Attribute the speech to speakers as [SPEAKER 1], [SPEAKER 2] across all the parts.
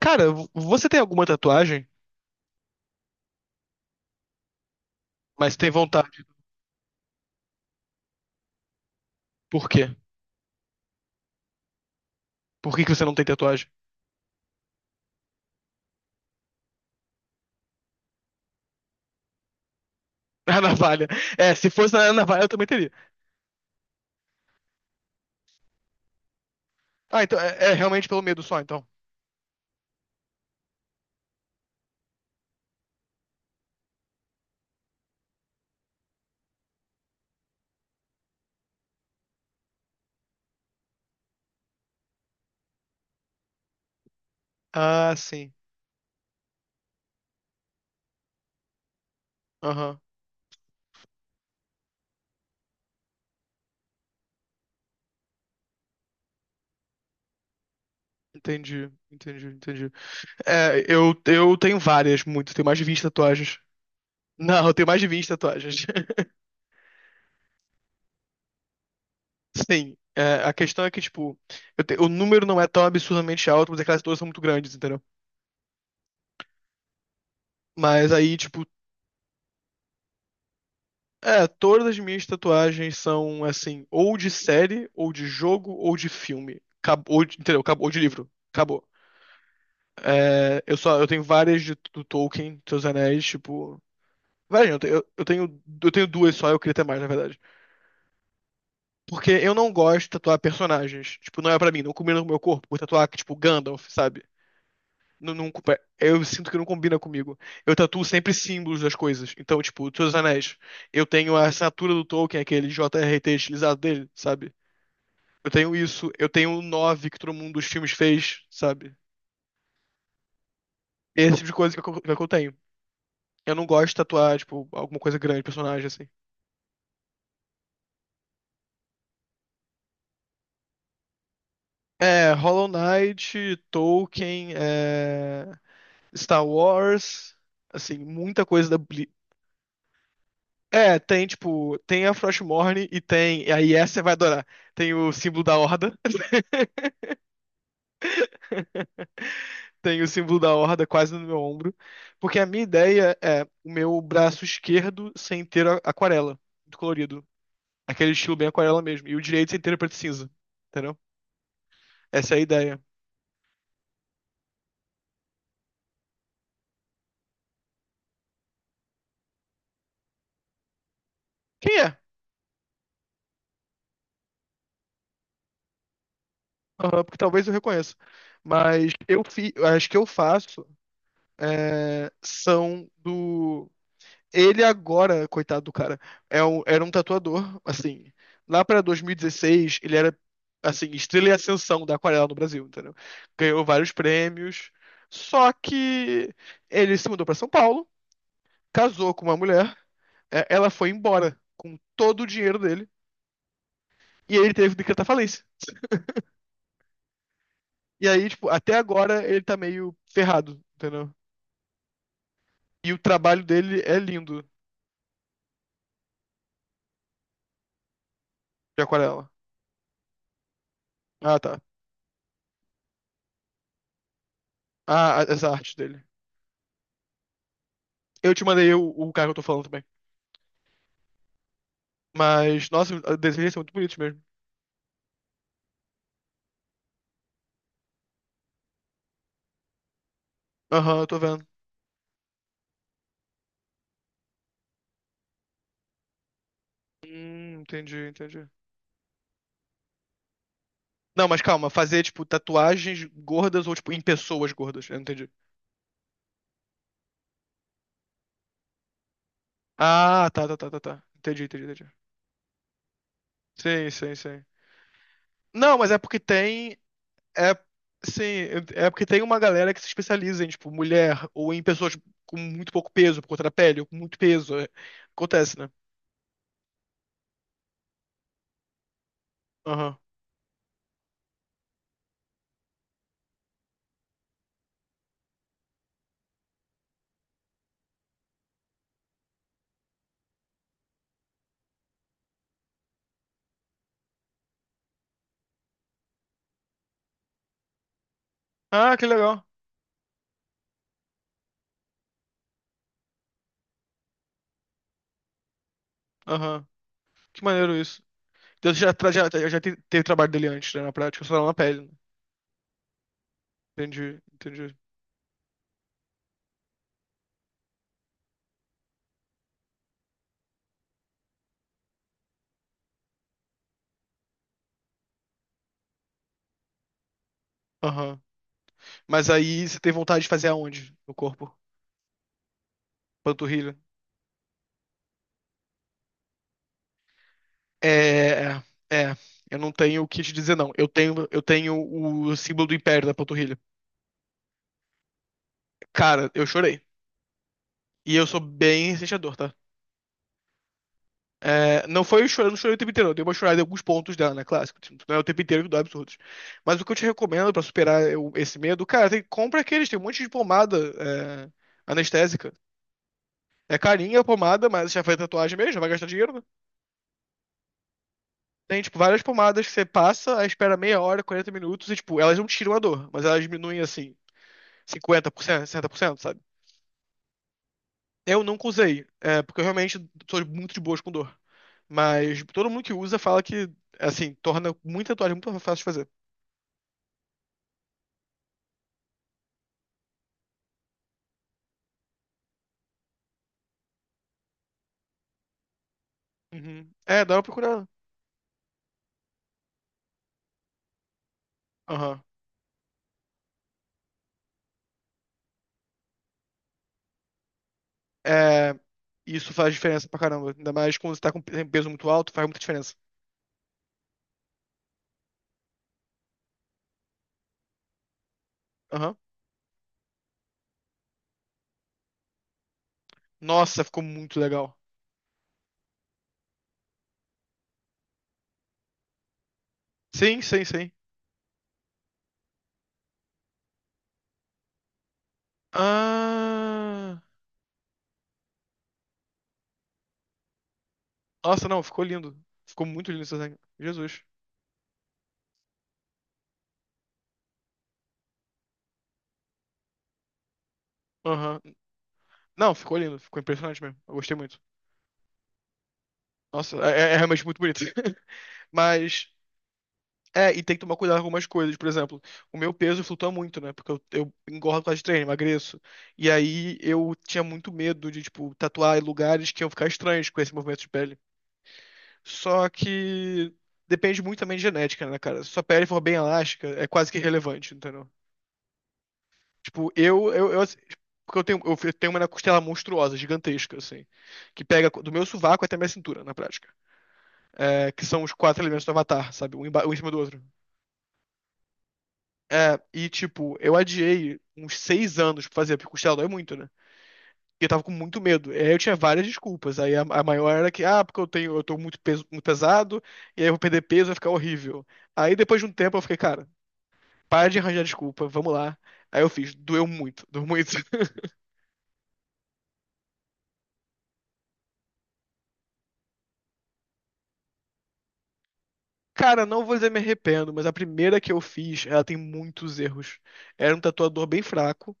[SPEAKER 1] Cara, você tem alguma tatuagem, mas tem vontade. Por quê? Por que que você não tem tatuagem? A navalha. É, se fosse na navalha, eu também teria. Ah, então é realmente pelo medo só, então. Ah, sim. Aham. Entendi, entendi, entendi. É, eu tenho várias, muito. Tenho mais de 20 tatuagens. Não, eu tenho mais de 20 tatuagens. Sim. É, a questão é que, tipo, o número não é tão absurdamente alto, mas é que elas todas são muito grandes, entendeu? Mas aí, tipo. É, todas as minhas tatuagens são assim, ou de série, ou de jogo, ou de filme. Ou de, entendeu? Ou de livro. Acabou. É, eu tenho várias de, do Tolkien, dos Anéis, tipo. Várias, não, eu tenho duas só, eu queria ter mais, na verdade. Porque eu não gosto de tatuar personagens. Tipo, não é pra mim, não combina com o meu corpo. Vou tatuar, tipo, Gandalf, sabe? Não, não, eu sinto que não combina comigo. Eu tatuo sempre símbolos das coisas. Então, tipo, Senhor dos Anéis. Eu tenho a assinatura do Tolkien, aquele JRT estilizado dele, sabe? Eu tenho isso, eu tenho o 9 que todo mundo dos filmes fez, sabe? Esse tipo de coisa que eu tenho. Eu não gosto de tatuar, tipo, alguma coisa grande, personagem, assim. É, Hollow Knight, Tolkien, Star Wars, assim, muita coisa da Bli-. É, tem, tipo, tem a Frostmourne e tem. E aí essa você vai adorar. Tem o símbolo da Horda, tem o símbolo da Horda quase no meu ombro. Porque a minha ideia é o meu braço esquerdo sem ter aquarela, colorido. Aquele estilo bem aquarela mesmo. E o direito é inteiro preto e cinza. Entendeu? Essa é a ideia. Quem é? Aham, porque talvez eu reconheça. Mas as que eu faço são do. Ele agora, coitado do cara, era um tatuador, assim. Lá pra 2016, ele era, assim, estrela e ascensão da aquarela no Brasil, entendeu? Ganhou vários prêmios. Só que ele se mudou pra São Paulo, casou com uma mulher, ela foi embora com todo o dinheiro dele. E aí ele teve que decretar falência. E aí, tipo, até agora ele tá meio ferrado, entendeu? E o trabalho dele é lindo de aquarela. Ah, tá. Ah, essa arte dele. Eu te mandei o cara que eu tô falando também. Mas, nossa, os desenhos são muito bonitos mesmo. Aham, eu tô vendo. Entendi, entendi. Não, mas calma, fazer, tipo, tatuagens gordas ou, tipo, em pessoas gordas. Eu não entendi. Ah, tá, tá, tá, tá, tá. Entendi, entendi, entendi. Sim, sim, sim. Não, mas é porque tem. É, sim, é porque tem uma galera que se especializa em, tipo, mulher ou em pessoas com muito pouco peso por conta da pele, ou com muito peso. É, acontece, né? Aham. Ah, que legal. Aham. Que maneiro isso. Então, você já teve trabalho dele antes, né? Na prática, só não na pele, né? Entendi, entendi. Aham. Mas aí você tem vontade de fazer aonde no corpo? Panturrilha? É, é. É. Eu não tenho o que te dizer, não. Eu tenho o símbolo do império da panturrilha. Cara, eu chorei. E eu sou bem sentidor, tá? É, não foi chorando, chorei o tempo inteiro. Eu dei uma chorada em alguns pontos dela, né? Clássico. Tipo, não é o tempo inteiro que dá absurdos. Mas o que eu te recomendo pra superar esse medo, cara, tem, compra aqueles. Tem um monte de pomada é, anestésica. É carinha a pomada, mas já faz tatuagem mesmo, já vai gastar dinheiro, né? Tem, tipo, várias pomadas que você passa, aí espera meia hora, 40 minutos, e, tipo, elas não tiram a dor, mas elas diminuem, assim, 50%, 60%, sabe? Eu nunca usei, porque eu realmente sou muito de boas com dor. Mas todo mundo que usa fala que, assim, torna muita tatuagem muito fácil de fazer. Uhum. É, dá uma procurada. Aham. É, isso faz diferença pra caramba. Ainda mais quando você tá com peso muito alto, faz muita diferença. Aham. Nossa, ficou muito legal. Sim, sim, sim. Ah. Nossa, não, ficou lindo. Ficou muito lindo esse desenho. Jesus. Aham. Não, ficou lindo. Ficou impressionante mesmo. Eu gostei muito. Nossa, é realmente muito bonito. Mas. É, e tem que tomar cuidado com algumas coisas. Por exemplo, o meu peso flutua muito, né? Porque eu engordo por causa de treino, emagreço. E aí eu tinha muito medo de, tipo, tatuar em lugares que iam ficar estranhos com esse movimento de pele. Só que depende muito também de genética, né, cara? Se sua pele for bem elástica, é quase que irrelevante, entendeu? Tipo, eu, assim, porque eu tenho, tenho uma costela monstruosa, gigantesca, assim, que pega do meu sovaco até minha cintura, na prática. É, que são os quatro elementos do Avatar, sabe? Um, um em cima do outro. É, e tipo, eu adiei uns 6 anos pra fazer, porque costela dói muito, né? E eu tava com muito medo. E aí eu tinha várias desculpas. Aí a maior era que, ah, porque eu tenho, eu tô muito, peso, muito pesado, e aí eu vou perder peso, vai ficar horrível. Aí depois de um tempo eu fiquei, cara, para de arranjar desculpa, vamos lá. Aí eu fiz, doeu muito, doeu muito. Cara, não vou dizer me arrependo, mas a primeira que eu fiz, ela tem muitos erros. Era um tatuador bem fraco,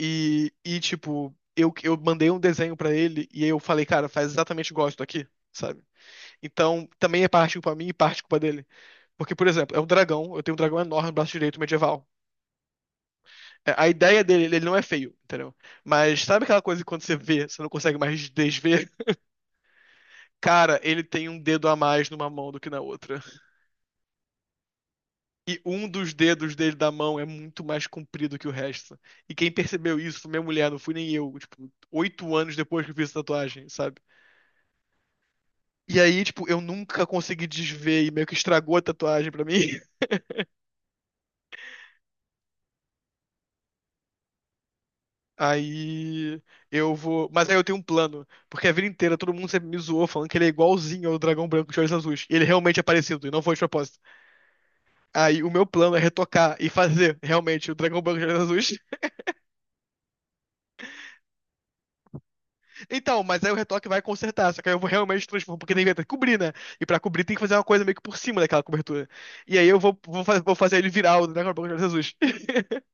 [SPEAKER 1] e tipo, eu mandei um desenho pra ele, e aí eu falei, cara, faz exatamente igual isso aqui, sabe? Então, também é parte culpa minha e parte culpa dele. Porque, por exemplo, é um dragão, eu tenho um dragão enorme no braço direito medieval. É, a ideia dele, ele não é feio, entendeu? Mas sabe aquela coisa que quando você vê, você não consegue mais desver? Cara, ele tem um dedo a mais numa mão do que na outra. E um dos dedos dele da mão é muito mais comprido que o resto. E quem percebeu isso foi minha mulher, não fui nem eu. Tipo, 8 anos depois que eu fiz a tatuagem, sabe? E aí, tipo, eu nunca consegui desver e meio que estragou a tatuagem pra mim. Aí eu vou. Mas aí eu tenho um plano. Porque a vida inteira todo mundo sempre me zoou falando que ele é igualzinho ao dragão branco de olhos azuis. E ele realmente é parecido, e não foi de propósito. Aí o meu plano é retocar e fazer realmente o dragão branco de olhos azuis. Então, mas aí o retoque vai consertar. Só que aí eu vou realmente transformar, porque tem que cobrir, né? E pra cobrir tem que fazer uma coisa meio que por cima daquela cobertura. E aí eu vou fazer ele virar o dragão branco de olhos azuis.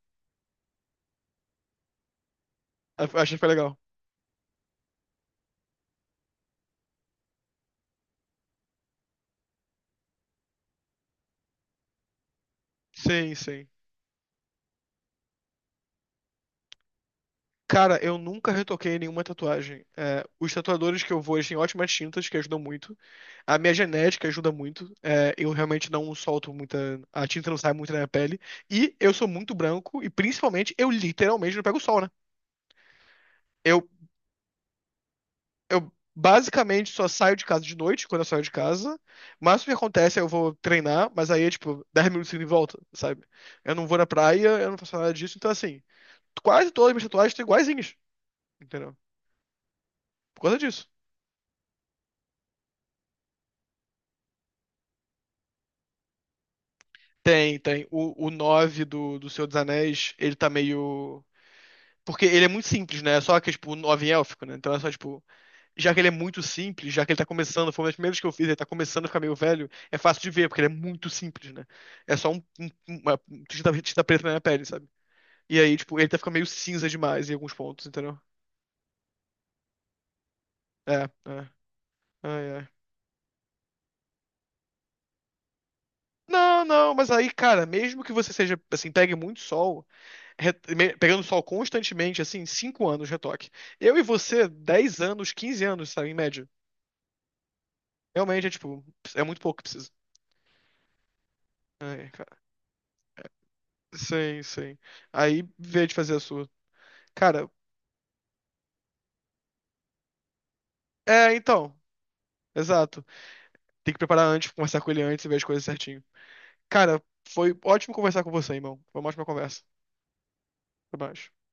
[SPEAKER 1] Acho que foi legal. Sim, sim. Cara, eu nunca retoquei nenhuma tatuagem. É, os tatuadores que eu vou, eles têm ótimas tintas que ajudam muito. A minha genética ajuda muito. É, eu realmente não solto muita. A tinta não sai muito na minha pele. E eu sou muito branco. E principalmente, eu literalmente não pego sol, né? Eu, eu basicamente só saio de casa de noite, quando eu saio de casa. Mas o que acontece é eu vou treinar, mas aí é tipo 10 minutos e volta, sabe? Eu não vou na praia, eu não faço nada disso. Então, assim, quase todas as minhas tatuagens estão iguaizinhas, entendeu? Por causa disso. Tem, tem. O 9 do Senhor dos Anéis, ele tá meio. Porque ele é muito simples, né? É só que, tipo, o 9 em élfico, né? Então é só, tipo, já que ele é muito simples, já que ele tá começando, foi uma das primeiras que eu fiz, ele tá começando a ficar meio velho, é fácil de ver, porque ele é muito simples, né? É só uma tinta preta na minha pele, sabe? E aí, tipo, ele tá ficando meio cinza demais em alguns pontos, entendeu? É, é. Ai, ai. Não, não, mas aí, cara, mesmo que você seja, assim, pegue muito sol. Pegando sol constantemente, assim, 5 anos de retoque. Eu e você, 10 anos, 15 anos, sabe, em média. Realmente é tipo, é muito pouco que precisa. Ai, cara. Sim, sim. Aí, vê de fazer a sua. Cara, então, exato. Tem que preparar antes, conversar com ele antes e ver as coisas certinho. Cara, foi ótimo conversar com você, irmão. Foi uma ótima conversa. Até mais.